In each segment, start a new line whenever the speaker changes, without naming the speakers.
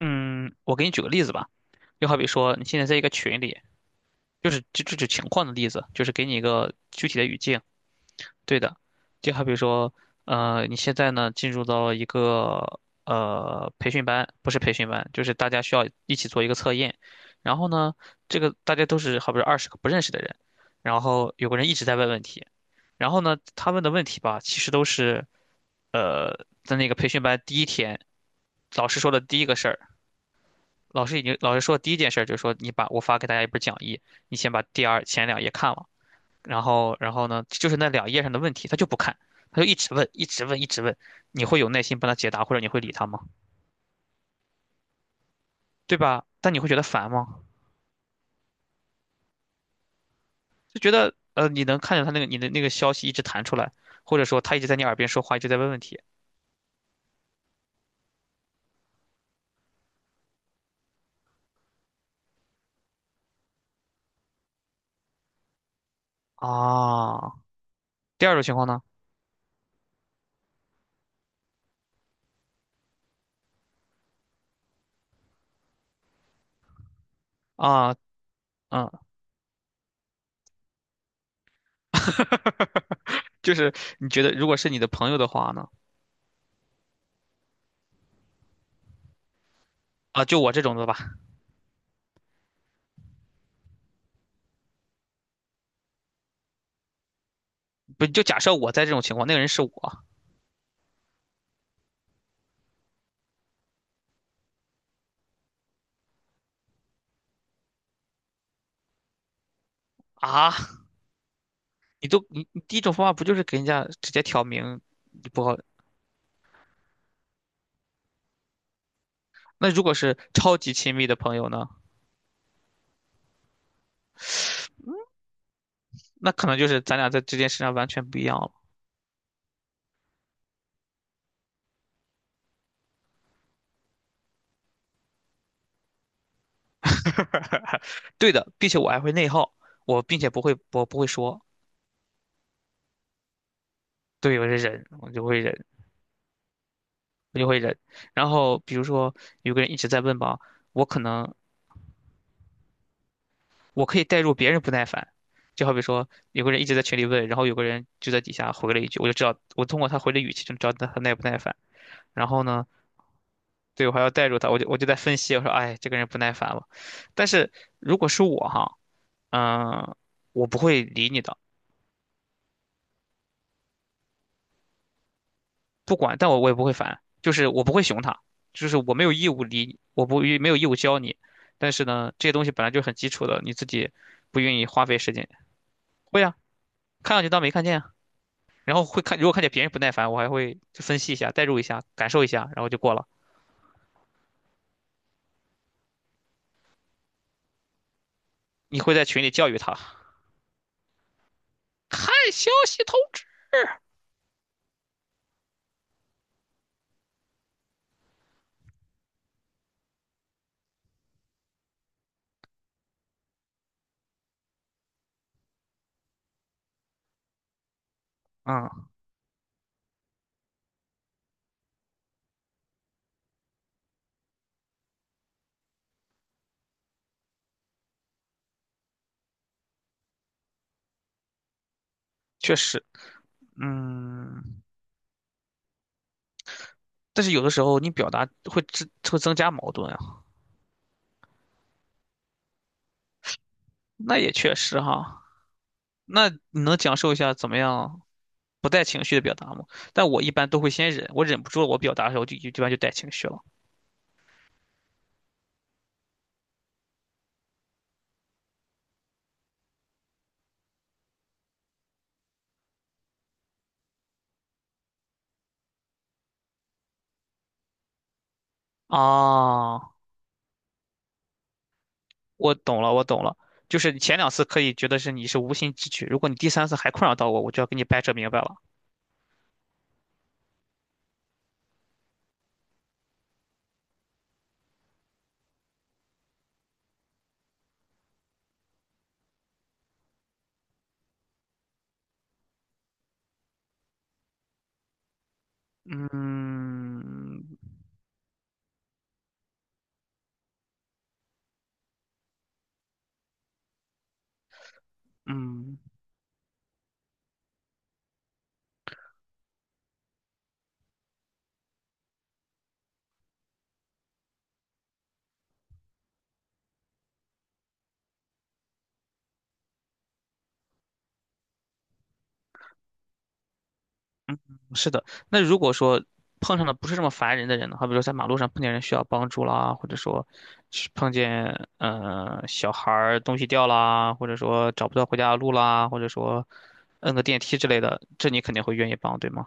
嗯，我给你举个例子吧，就好比说你现在在一个群里，就这种情况的例子，就是给你一个具体的语境。对的，就好比说，你现在呢进入到了一个培训班，不是培训班，就是大家需要一起做一个测验。然后呢，这个大家都是好比说20个不认识的人，然后有个人一直在问问题，然后呢，他问的问题吧，其实都是在那个培训班第一天老师说的第一个事儿。老师说第一件事儿就是说，你把我发给大家一本讲义，你先把前两页看了，然后呢，就是那两页上的问题，他就不看，他就一直问，一直问，一直问，你会有耐心帮他解答，或者你会理他吗？对吧？但你会觉得烦吗？就觉得你能看见他那个你的那个消息一直弹出来，或者说他一直在你耳边说话，一直在问问题啊。第二种情况呢？啊，嗯，就是你觉得如果是你的朋友的话呢？啊，就我这种的吧，不就假设我在这种情况，那个人是我啊，你都你你第一种方法不就是给人家直接挑明你不好？那如果是超级亲密的朋友呢？那可能就是咱俩在这件事上完全不一样了。对的，并且我还会内耗，我不会说，对，我是忍，我就会忍，我就会忍。然后比如说有个人一直在问吧，我可能我可以带入别人不耐烦，就好比说有个人一直在群里问，然后有个人就在底下回了一句，我就知道我通过他回的语气就知道他耐不耐烦。然后呢？对，我还要带入他，我就在分析，我说，哎，这个人不耐烦了。但是如果是我哈，嗯、我不会理你的，不管，但我也不会烦，就是我不会熊他，就是我没有义务理你，我不没有义务教你。但是呢，这些东西本来就很基础的，你自己不愿意花费时间，会啊，看上去当没看见啊，然后会看，如果看见别人不耐烦，我还会就分析一下，代入一下，感受一下，然后就过了。你会在群里教育他，看消息通知。嗯，确实，嗯。但是有的时候你表达会增加矛盾啊，那也确实哈。那你能讲授一下怎么样不带情绪的表达吗？但我一般都会先忍，我忍不住了，我表达的时候就一般就带情绪了。啊，我懂了，我懂了，就是你前两次可以觉得是你是无心之举，如果你第三次还困扰到我，我就要给你掰扯明白了。嗯嗯。是的，那如果说碰上的不是这么烦人的人呢？好比说在马路上碰见人需要帮助啦，或者说是碰见小孩儿东西掉啦，或者说找不到回家的路啦，或者说摁个电梯之类的，这你肯定会愿意帮，对吗？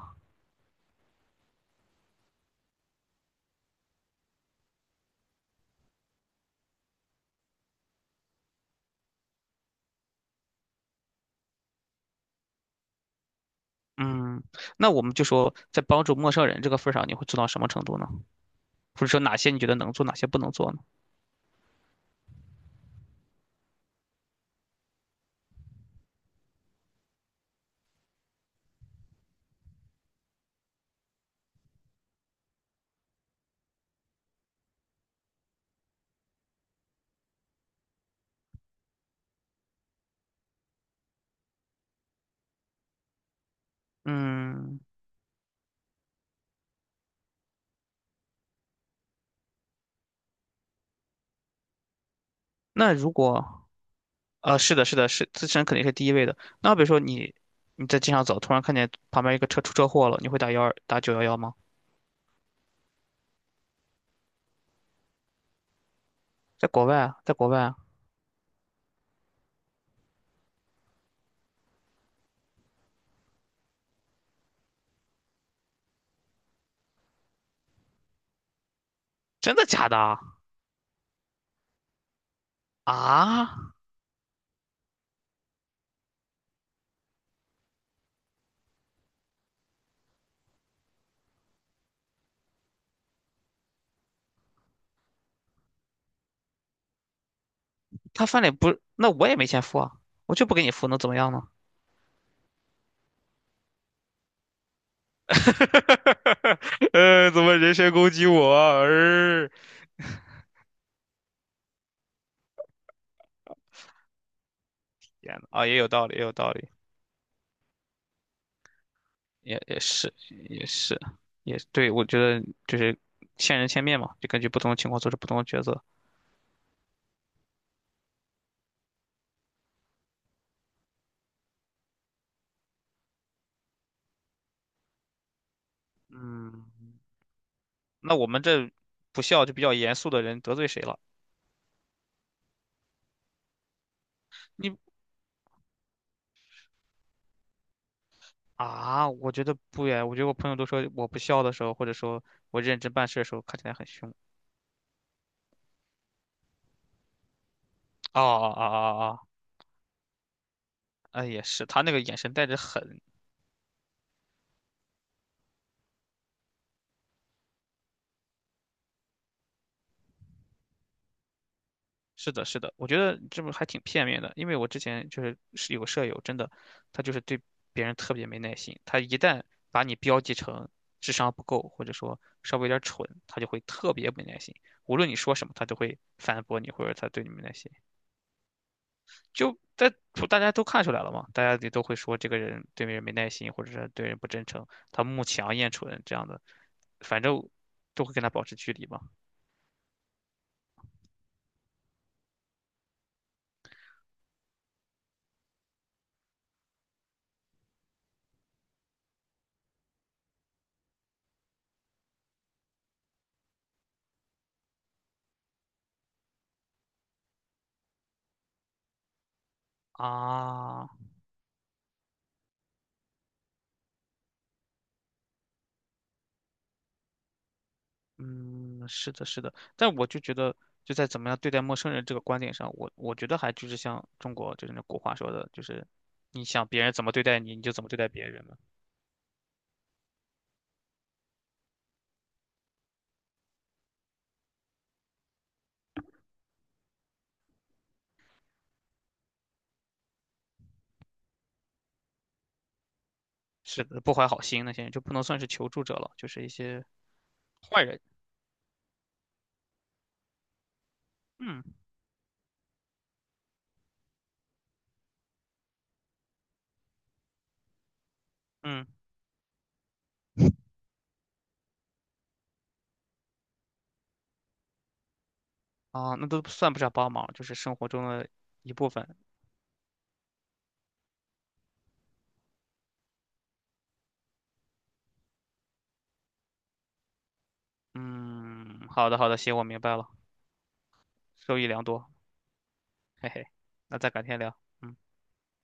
嗯，那我们就说在帮助陌生人这个份儿上，你会做到什么程度呢？或者说哪些你觉得能做，哪些不能做呢？嗯，那如果呃，是的，是的，是自身肯定是第一位的。那比如说你在街上走，突然看见旁边一个车出车祸了，你会打九幺幺吗？在国外啊，在国外啊，真的假的啊？啊，他翻脸不，那我也没钱付啊，我就不给你付，能怎么样呢？怎么人身攻击我啊？天呐，啊，也有道理，也有道理，也是，也是，也对，我觉得就是见人千面嘛，就根据不同的情况做出不同的抉择。嗯，那我们这不笑就比较严肃的人得罪谁了？你啊，我觉得不呀。我觉得我朋友都说我不笑的时候，或者说我认真办事的时候，看起来很凶。哦哦哦哦哦，哎，也是，他那个眼神带着狠。是的，是的，我觉得这不还挺片面的，因为我之前就是有个舍友，真的，他就是对别人特别没耐心，他一旦把你标记成智商不够，或者说稍微有点蠢，他就会特别没耐心，无论你说什么，他都会反驳你，或者他对你没耐心。就在大家都看出来了嘛，大家也都会说这个人对别人没耐心，或者是对人不真诚，他慕强厌蠢这样的，反正都会跟他保持距离嘛。啊，嗯，是的，是的，但我就觉得，就在怎么样对待陌生人这个观点上，我觉得还就是像中国就是那古话说的，就是你想别人怎么对待你，你就怎么对待别人嘛。是的，不怀好心那些人就不能算是求助者了，就是一些坏人。嗯嗯。啊，那都算不上帮忙，就是生活中的一部分。嗯，好的好的，行，我明白了，受益良多，嘿嘿，那再改天聊。嗯。